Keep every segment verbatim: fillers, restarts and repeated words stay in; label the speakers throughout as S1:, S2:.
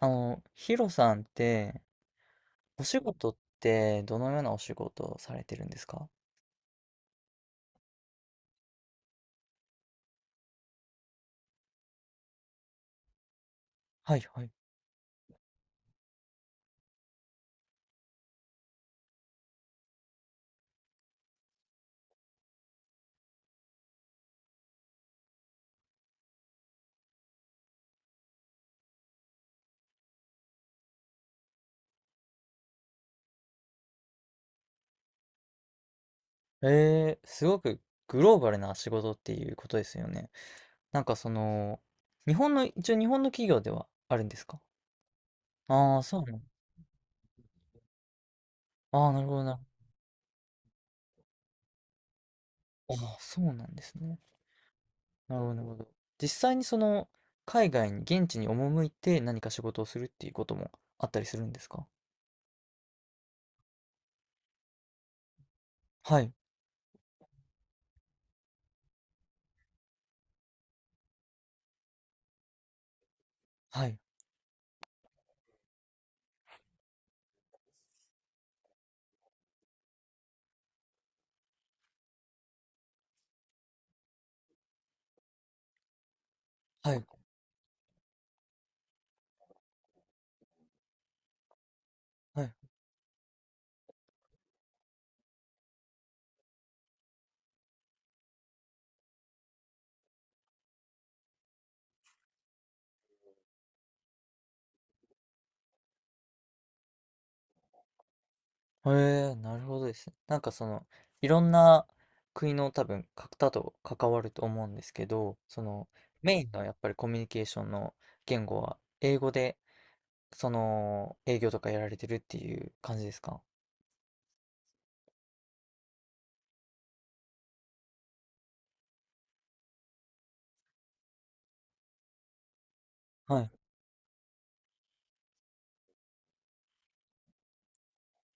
S1: あの、ヒロさんって、お仕事ってどのようなお仕事をされてるんですか？はいはい。えー、すごくグローバルな仕事っていうことですよね。なんかその、日本の、一応日本の企業ではあるんですか？ああー、そうなの。ああ、なるほどなるほど。ああ、そうなんですね。なるほど、なるほど。実際にその、海外に、現地に赴いて何か仕事をするっていうこともあったりするんですか？はい、はい、はい、はい。へえ、なるほどですね。なんかその、いろんな国の多分方と関わると思うんですけど、その、メインのやっぱりコミュニケーションの言語は英語で、その、営業とかやられてるっていう感じですか？はい。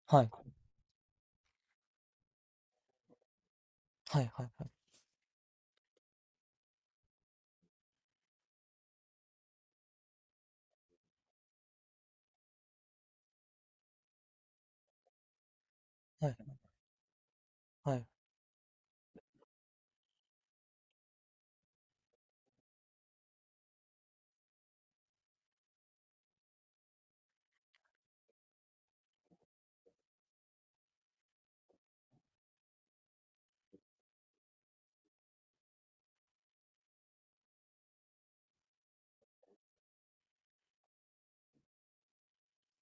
S1: はい。はいはいはい。はい。はい。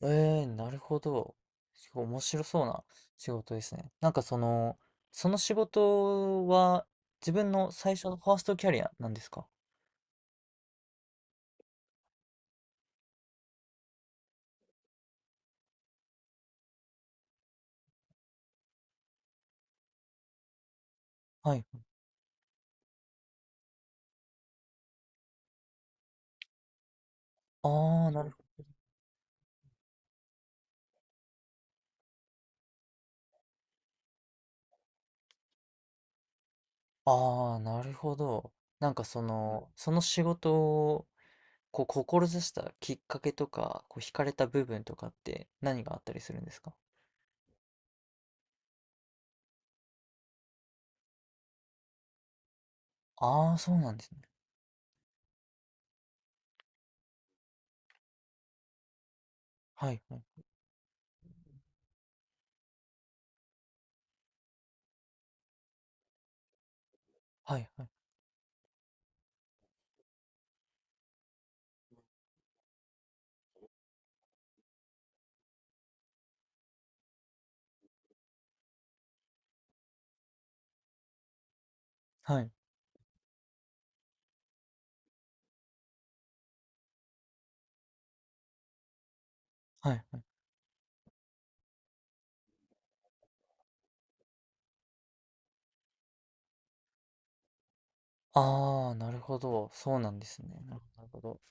S1: ええ、なるほど。すごい面白そうな仕事ですね。なんかその、その仕事は自分の最初のファーストキャリアなんですか？はい。ああ、なるほどああ、なるほど。なんかその、その仕事をこう志したきっかけとか、こう惹かれた部分とかって何があったりするんですか？ああー、そうなんですね。はい、はい、はい、はい、はい、はい。ああ、なるほど。そうなんですね。なるほど。なるほど。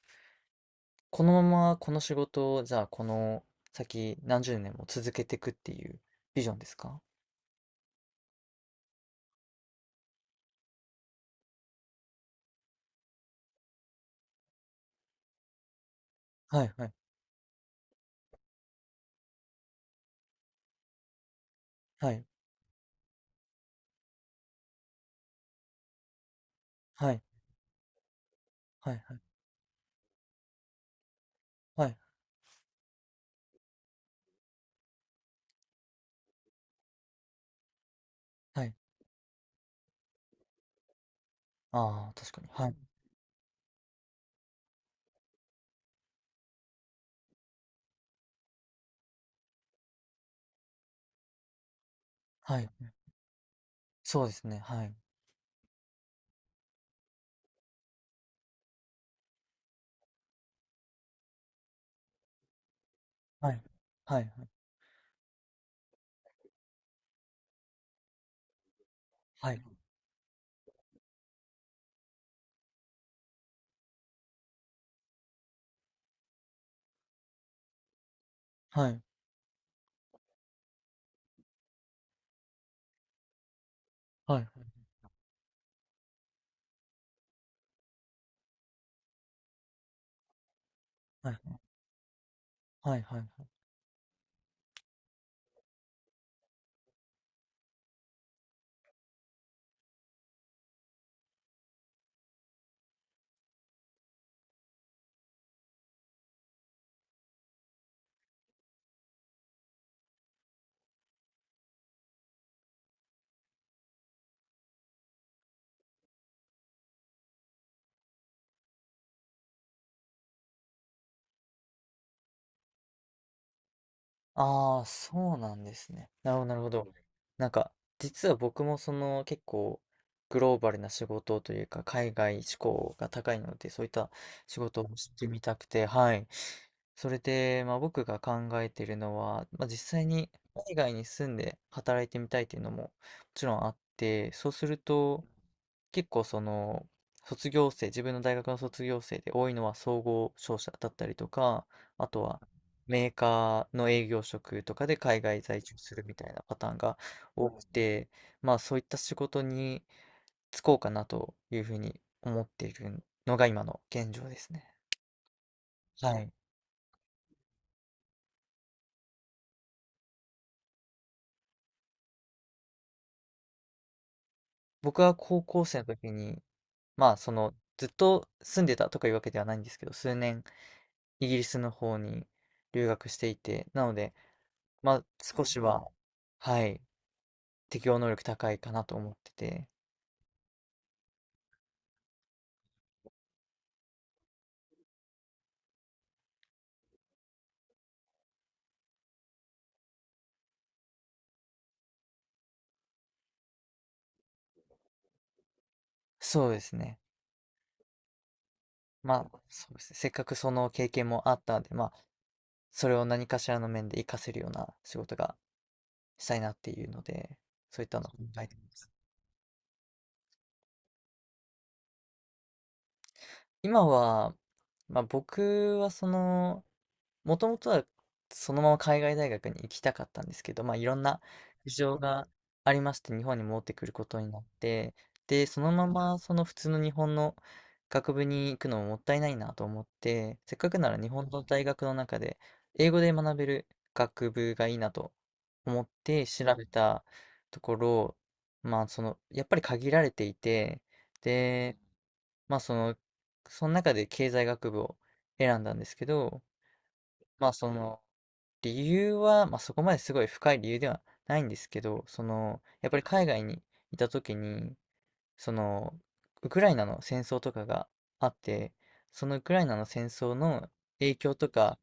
S1: このままこの仕事を、じゃあこの先何十年も続けていくっていうビジョンですか？はい、はい、はい、はい、はい、はい、はい、はい。ああ、確かに。はい、はい。そうですね。はい。はい。はいはい。はい。はい。はいはい。はいはいはい。ああ、そうなんですね。なるほど、なるほど。なんか、実は僕もその結構グローバルな仕事というか、海外志向が高いので、そういった仕事をしてみたくて、はい。それで、まあ僕が考えているのは、まあ実際に海外に住んで働いてみたいっていうのももちろんあって、そうすると、結構その卒業生自分の大学の卒業生で多いのは総合商社だったりとかあとはメーカーの営業職とかで海外在住するみたいなパターンが多くて、まあそういった仕事に就こうかなというふうに思っているのが今の現状ですね。はい。僕は高校生の時に、まあそのずっと住んでたとかいうわけではないんですけど、数年イギリスの方に留学していて、なので、まあ少しは、はい、適応能力高いかなと思ってて、そうですね。まあ、そうですね。せっかくその経験もあったんで、まあ、それを何かしらの面で活かせるような仕事がしたいなっていうので、そういったのを考えてます。今は、まあ僕はその、もともとはそのまま海外大学に行きたかったんですけど、まあ、いろんな事情がありまして、日本に戻ってくることになって、で、そのままその普通の日本の学部に行くのももったいないなと思って、せっかくなら日本の大学の中で英語で学べる学部がいいなと思って調べたところ、まあ、その、やっぱり限られていて、で、まあ、その、その中で経済学部を選んだんですけど、まあ、その、理由は、まあ、そこまですごい深い理由ではないんですけど、その、やっぱり海外にいた時に、その、ウクライナの戦争とかがあって、そのウクライナの戦争の影響とか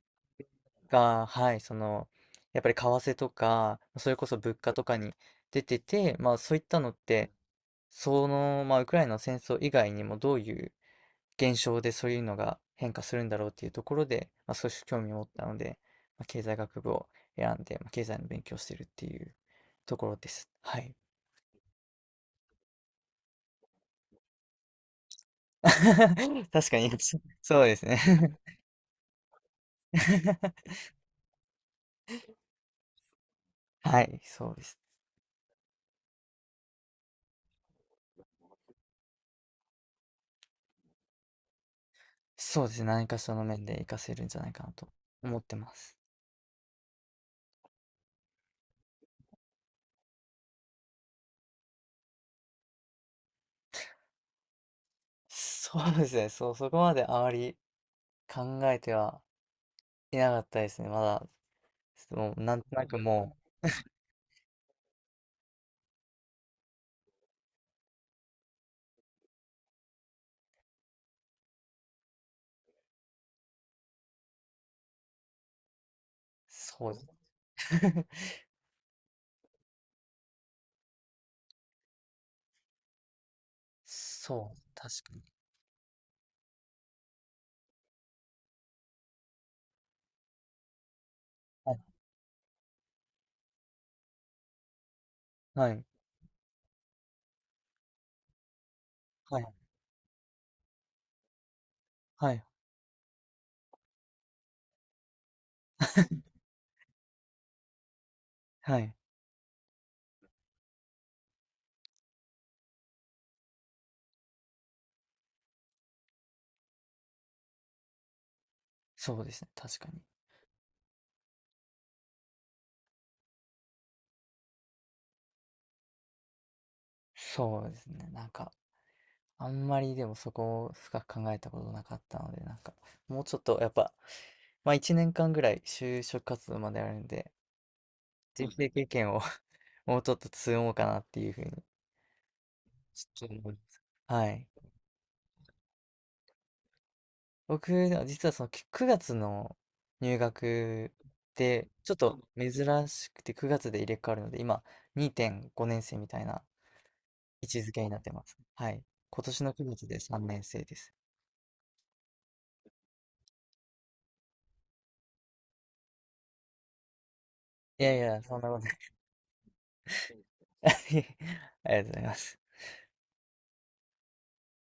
S1: が、はい、その、やっぱり為替とか、それこそ物価とかに出てて、まあそういったのって、その、まあウクライナの戦争以外にもどういう現象でそういうのが変化するんだろうっていうところで、まあ、少し興味を持ったので、まあ、経済学部を選んで、まあ、経済の勉強をしてるっていうところです。はい。確かに、そうですね。はい、そうです。そうですね。何かその面で活かせるんじゃないかなと思ってます。そうですね。そう、そこまであまり考えてはいなかったですね。まだ、もうなんとなくもう、そうです。そう、確かに。はい、はい、はい。はい。はい。そうですね、確かに。そうですね、なんか、あんまりでもそこを深く考えたことなかったので、なんか、もうちょっとやっぱ、まあいちねんかんぐらい就職活動まであるんで、人生経験を もうちょっと積もうかなっていうふうに、ちょっと思います。はい。僕、実はそのきくがつの入学で、ちょっと珍しくてくがつで入れ替わるので、今にてんごねん生みたいな位置づけになってます。はい。今年のくがつでさんねん生です。いやいや、そんなことない。ありがとうございます。